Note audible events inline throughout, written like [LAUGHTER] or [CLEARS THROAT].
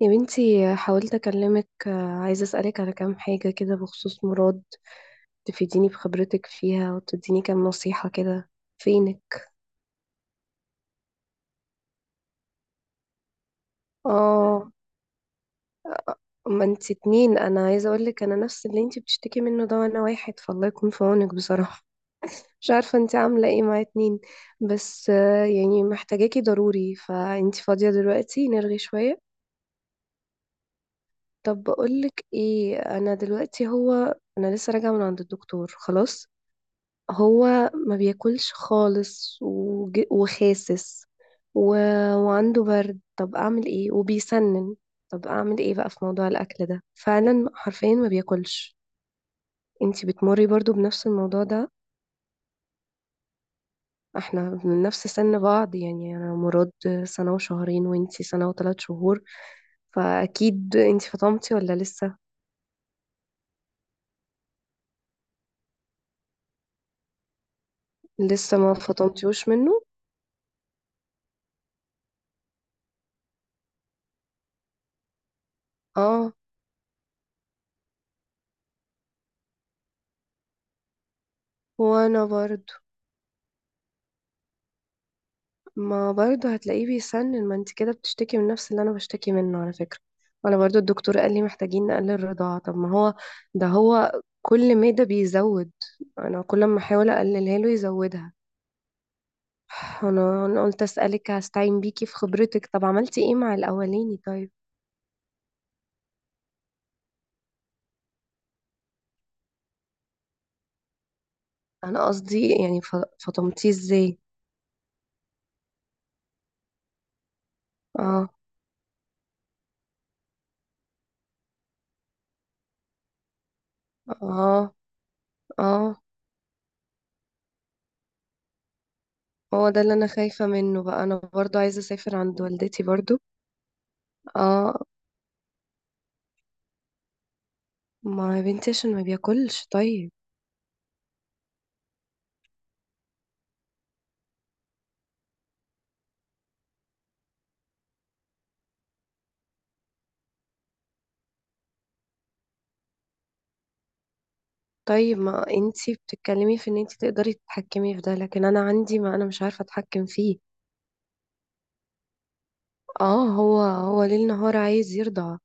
يا بنتي، حاولت أكلمك عايزة أسألك على كام حاجة كده بخصوص مراد. تفيديني بخبرتك فيها وتديني كام نصيحة كده. فينك؟ اه، ما انتي اتنين، أنا عايزة أقولك أنا نفس اللي انتي بتشتكي منه ده، وأنا واحد، فالله يكون في عونك بصراحة. [LAUGHS] مش عارفة انتي عاملة ايه مع اتنين. بس يعني محتاجاكي ضروري، فانتي فاضية دلوقتي نرغي شوية. طب بقولك ايه، أنا دلوقتي، هو أنا لسه راجعة من عند الدكتور خلاص. هو ما بياكلش خالص وخاسس و... وعنده برد، طب اعمل ايه؟ وبيسنن. طب اعمل ايه بقى في موضوع الاكل ده؟ فعلا حرفيا ما بياكلش. انتي بتمري برضو بنفس الموضوع ده؟ احنا من نفس سن بعض، يعني انا مراد سنة وشهرين، وانتي سنة وثلاث شهور، فاكيد انتي فطمتي ولا لسه؟ لسه ما فطمتيوش منه. اه. وانا برضو. ما برضه هتلاقيه بيسنن، ما انت كده بتشتكي من نفس اللي انا بشتكي منه على فكرة. وانا برضه الدكتور قال لي محتاجين نقلل الرضاعة، طب ما هو ده هو كل مادة بيزود. انا كل ما احاول اقللها له يزودها. انا قلت اسالك، هستعين بيكي في خبرتك. طب عملتي ايه مع الاولاني طيب؟ انا قصدي يعني فطمتيه ازاي؟ اه، اه، اه. هو ده اللي انا خايفة منه بقى، انا برضه عايزة اسافر عند والدتي برضه. اه، ما يا بنتي عشان ما بياكلش طيب. طيب، ما انتي بتتكلمي في ان انتي تقدري تتحكمي في ده، لكن انا عندي، ما انا مش عارفة اتحكم فيه. اه، هو ليل نهار عايز يرضع.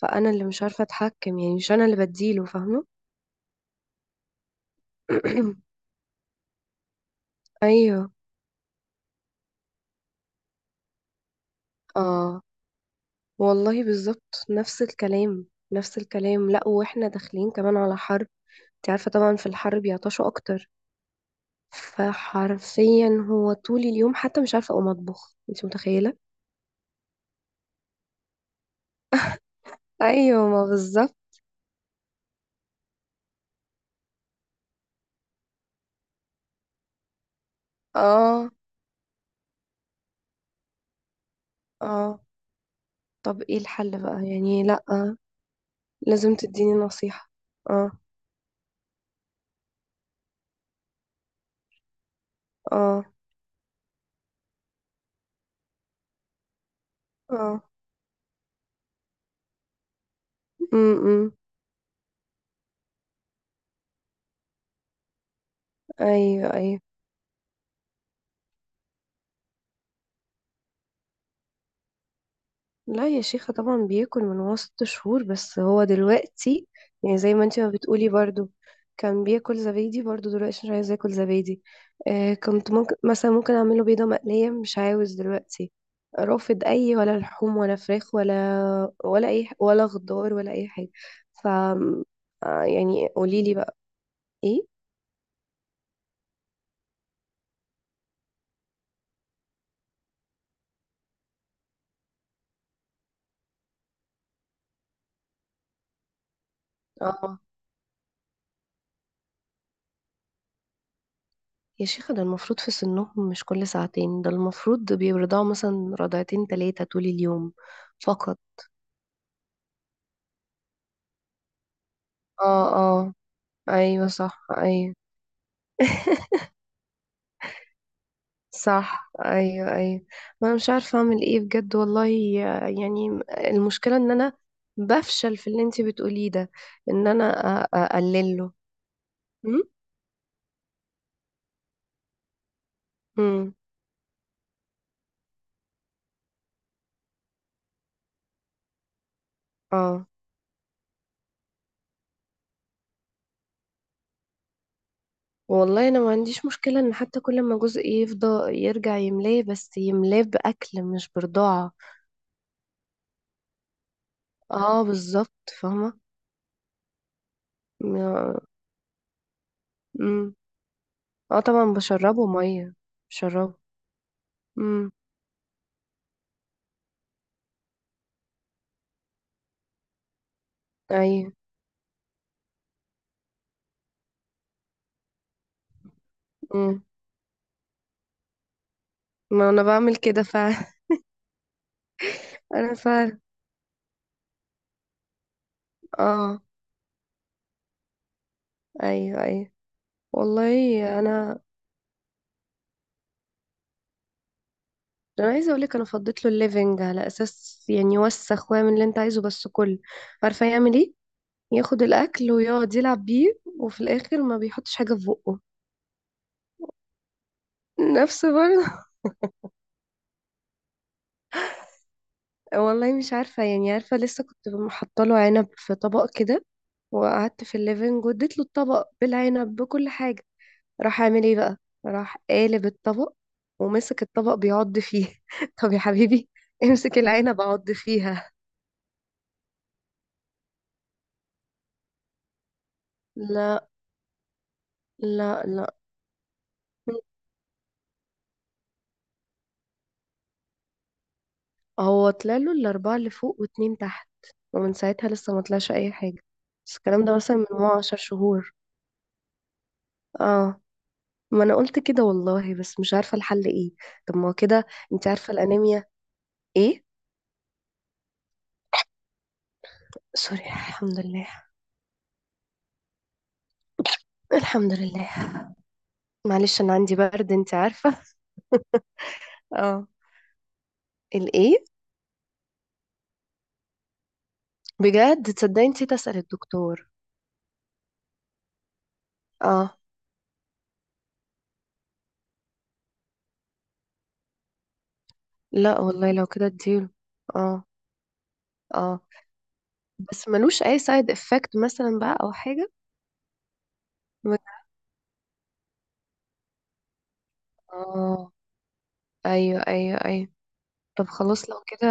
فانا اللي مش عارفة اتحكم، يعني مش انا اللي بديله، فاهمة؟ [CLEARS THROAT] ايوه. اه، والله بالظبط نفس الكلام. نفس الكلام، لا، واحنا داخلين كمان على حرب. انت عارفة طبعا في الحرب بيعطشوا اكتر. فحرفيا هو طول اليوم، حتى مش عارفة اقوم اطبخ، انت متخيلة؟ ايوه، ما بالظبط. اه، اه. طب ايه الحل بقى يعني؟ لأ، لازم تديني نصيحة. اه، اه، اه، امم. ايوه، ايوه. لا يا شيخة، طبعا بياكل من هو 6 شهور، بس هو دلوقتي يعني زي ما انت ما بتقولي برضو، كان بياكل زبادي برضو، دلوقتي مش عايز ياكل زبادي. آه، كنت ممكن مثلا ممكن اعمله بيضة مقلية، مش عاوز دلوقتي. رافض، اي ولا لحوم ولا فراخ، ولا ولا اي ولا خضار ولا اي حاجة. ف يعني قوليلي بقى. ايه؟ اه. يا شيخة، ده المفروض في سنهم مش كل ساعتين، ده المفروض بيرضعوا مثلا رضعتين تلاتة طول اليوم فقط. اه، اه، ايوه، صح، ايوه. [LAUGHS] صح، ايوه، ايوه. ما انا مش عارفه اعمل ايه بجد والله، يعني المشكله ان انا بفشل في اللي انتي بتقوليه ده، ان انا اقلله. امم، امم. اه، والله انا ما عنديش مشكله ان حتى كل ما جزء يفضى يرجع يملاه، بس يملاه باكل مش برضاعه. اه، بالظبط، فاهمه. يا- مم. اه، طبعا بشربه ميه، بشربه. امم. ايوه. امم. ما انا بعمل كده فعلا. [LAUGHS] انا فعلا. اه، ايوه، ايوه. والله انا انا عايزه اقول لك، انا فضيت له الليفنج على اساس يعني يوسخ ويعمل اللي انت عايزه، بس كله عارفه يعمل ايه، ياخد الاكل ويقعد يلعب بيه، وفي الاخر ما بيحطش حاجه في بقه. نفس برضه. والله مش عارفة، يعني عارفة لسه كنت محطة له عنب في طبق كده، وقعدت في الليفينج واديت له الطبق بالعنب بكل حاجة. راح عامل ايه بقى؟ راح قالب الطبق، ومسك الطبق بيعض فيه [LAUGHS] طب يا حبيبي، امسك العنب اعض فيها. لا، لا، لا، هو طلع له الأربعة اللي فوق واتنين تحت، ومن ساعتها لسه ما طلعش أي حاجة، بس الكلام ده مثلا من هو 10 شهور. اه، ما أنا قلت كده والله، بس مش عارفة الحل ايه. طب ما هو كده، انت عارفة الأنيميا؟ ايه؟ سوري، الحمد لله. الحمد لله. معلش، انا عندي برد، انت عارفه. اه. الايه؟ بجد، تصدقي نسيت اسال الدكتور. اه. لا والله لو كده اديله. اه، اه، بس ملوش اي سايد افكت مثلا بقى او حاجه؟ بجد؟ اه، ايوه، ايوه، ايوه. طب خلاص لو كده،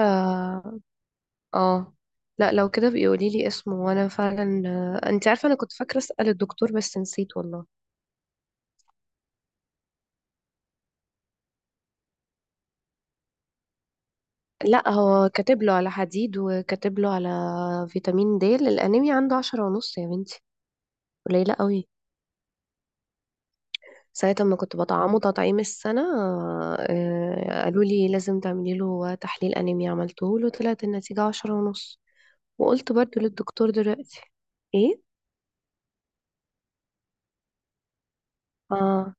اه، لا لو كده بيقولي لي اسمه، وانا فعلا انت عارفه انا كنت فاكره اسال الدكتور بس نسيت والله. لا، هو كاتب له على حديد، وكاتب له على فيتامين د، الانيميا عنده 10 ونص يا بنتي، قليله قوي. ساعة ما كنت بطعمه تطعيم السنة، قالوا لي لازم تعملي له تحليل أنيميا، عملته له، طلعت النتيجة 10 ونص. وقلت برضو للدكتور دلوقتي. ايه؟ اه،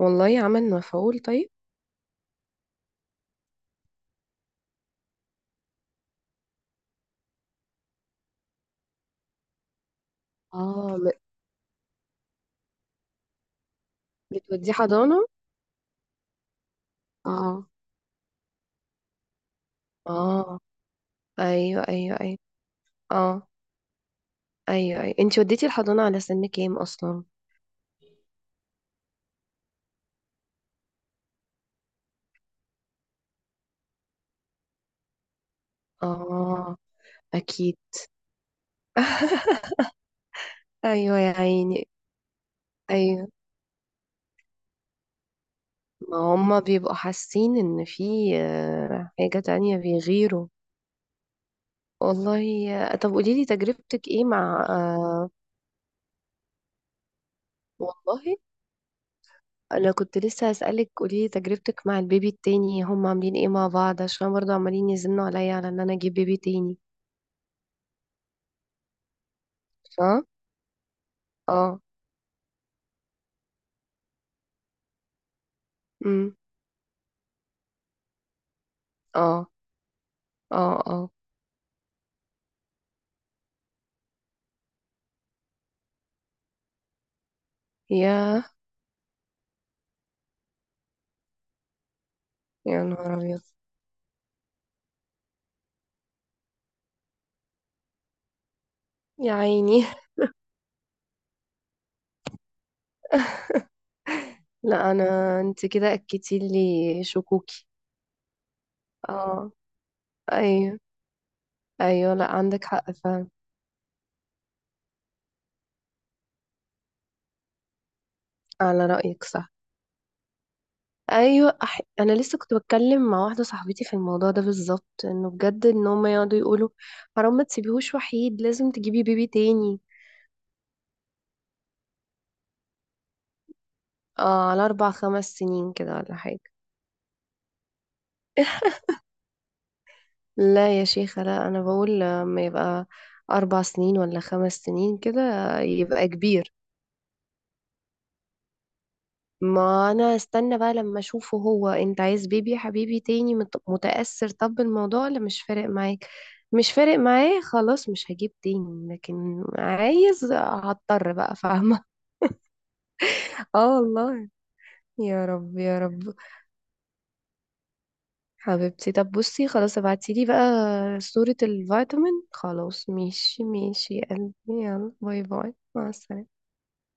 والله عمل مفعول طيب. اه، بتوديه حضانة؟ اه، اه، ايوه، ايوه، ايوه، اه، ايوه، ايوه، انتي وديتي الحضانة على سن كام اصلا؟ اه، اكيد. [LAUGHS] ايوه يا عيني. ايوه، ما هما بيبقوا حاسين ان في حاجة تانية بيغيروا. والله. طب قوليلي تجربتك ايه مع والله انا كنت لسه هسألك، قوليلي تجربتك مع البيبي التاني، هما عاملين ايه مع بعض؟ عشان برضه عمالين يزنوا عليا على ان انا اجيب بيبي تاني. اه، اه، امم، اه، اه، اه، يا يا نهار ابيض، يا عيني. [LAUGHS] لا، انا، انت كده اكدتي لي شكوكي. اه، ايوه، ايوه، لا عندك حق فعلا. على رأيك، صح. ايوه، انا لسه كنت بتكلم مع واحده صاحبتي في الموضوع ده بالظبط، انه بجد، ان هم يقعدوا يقولوا حرام، ما تسيبيهوش وحيد، لازم تجيبي بيبي تاني. على اربع خمس سنين كده ولا حاجه؟ [LAUGHS] لا يا شيخه، لا انا بقول لما يبقى 4 سنين ولا 5 سنين كده يبقى كبير. ما انا استنى بقى لما اشوفه، هو انت عايز بيبي يا حبيبي تاني؟ متأثر طب بالموضوع ولا مش فارق معاك؟ مش فارق معايا خلاص، مش هجيب تاني، لكن عايز، هضطر بقى، فاهمة؟ [LAUGHS] اه والله. يا رب، يا رب. حبيبتي، طب بصي خلاص ابعتيلي بقى صورة الفيتامين. خلاص، ماشي، ماشي يا قلبي. يلا، باي باي، مع السلامة.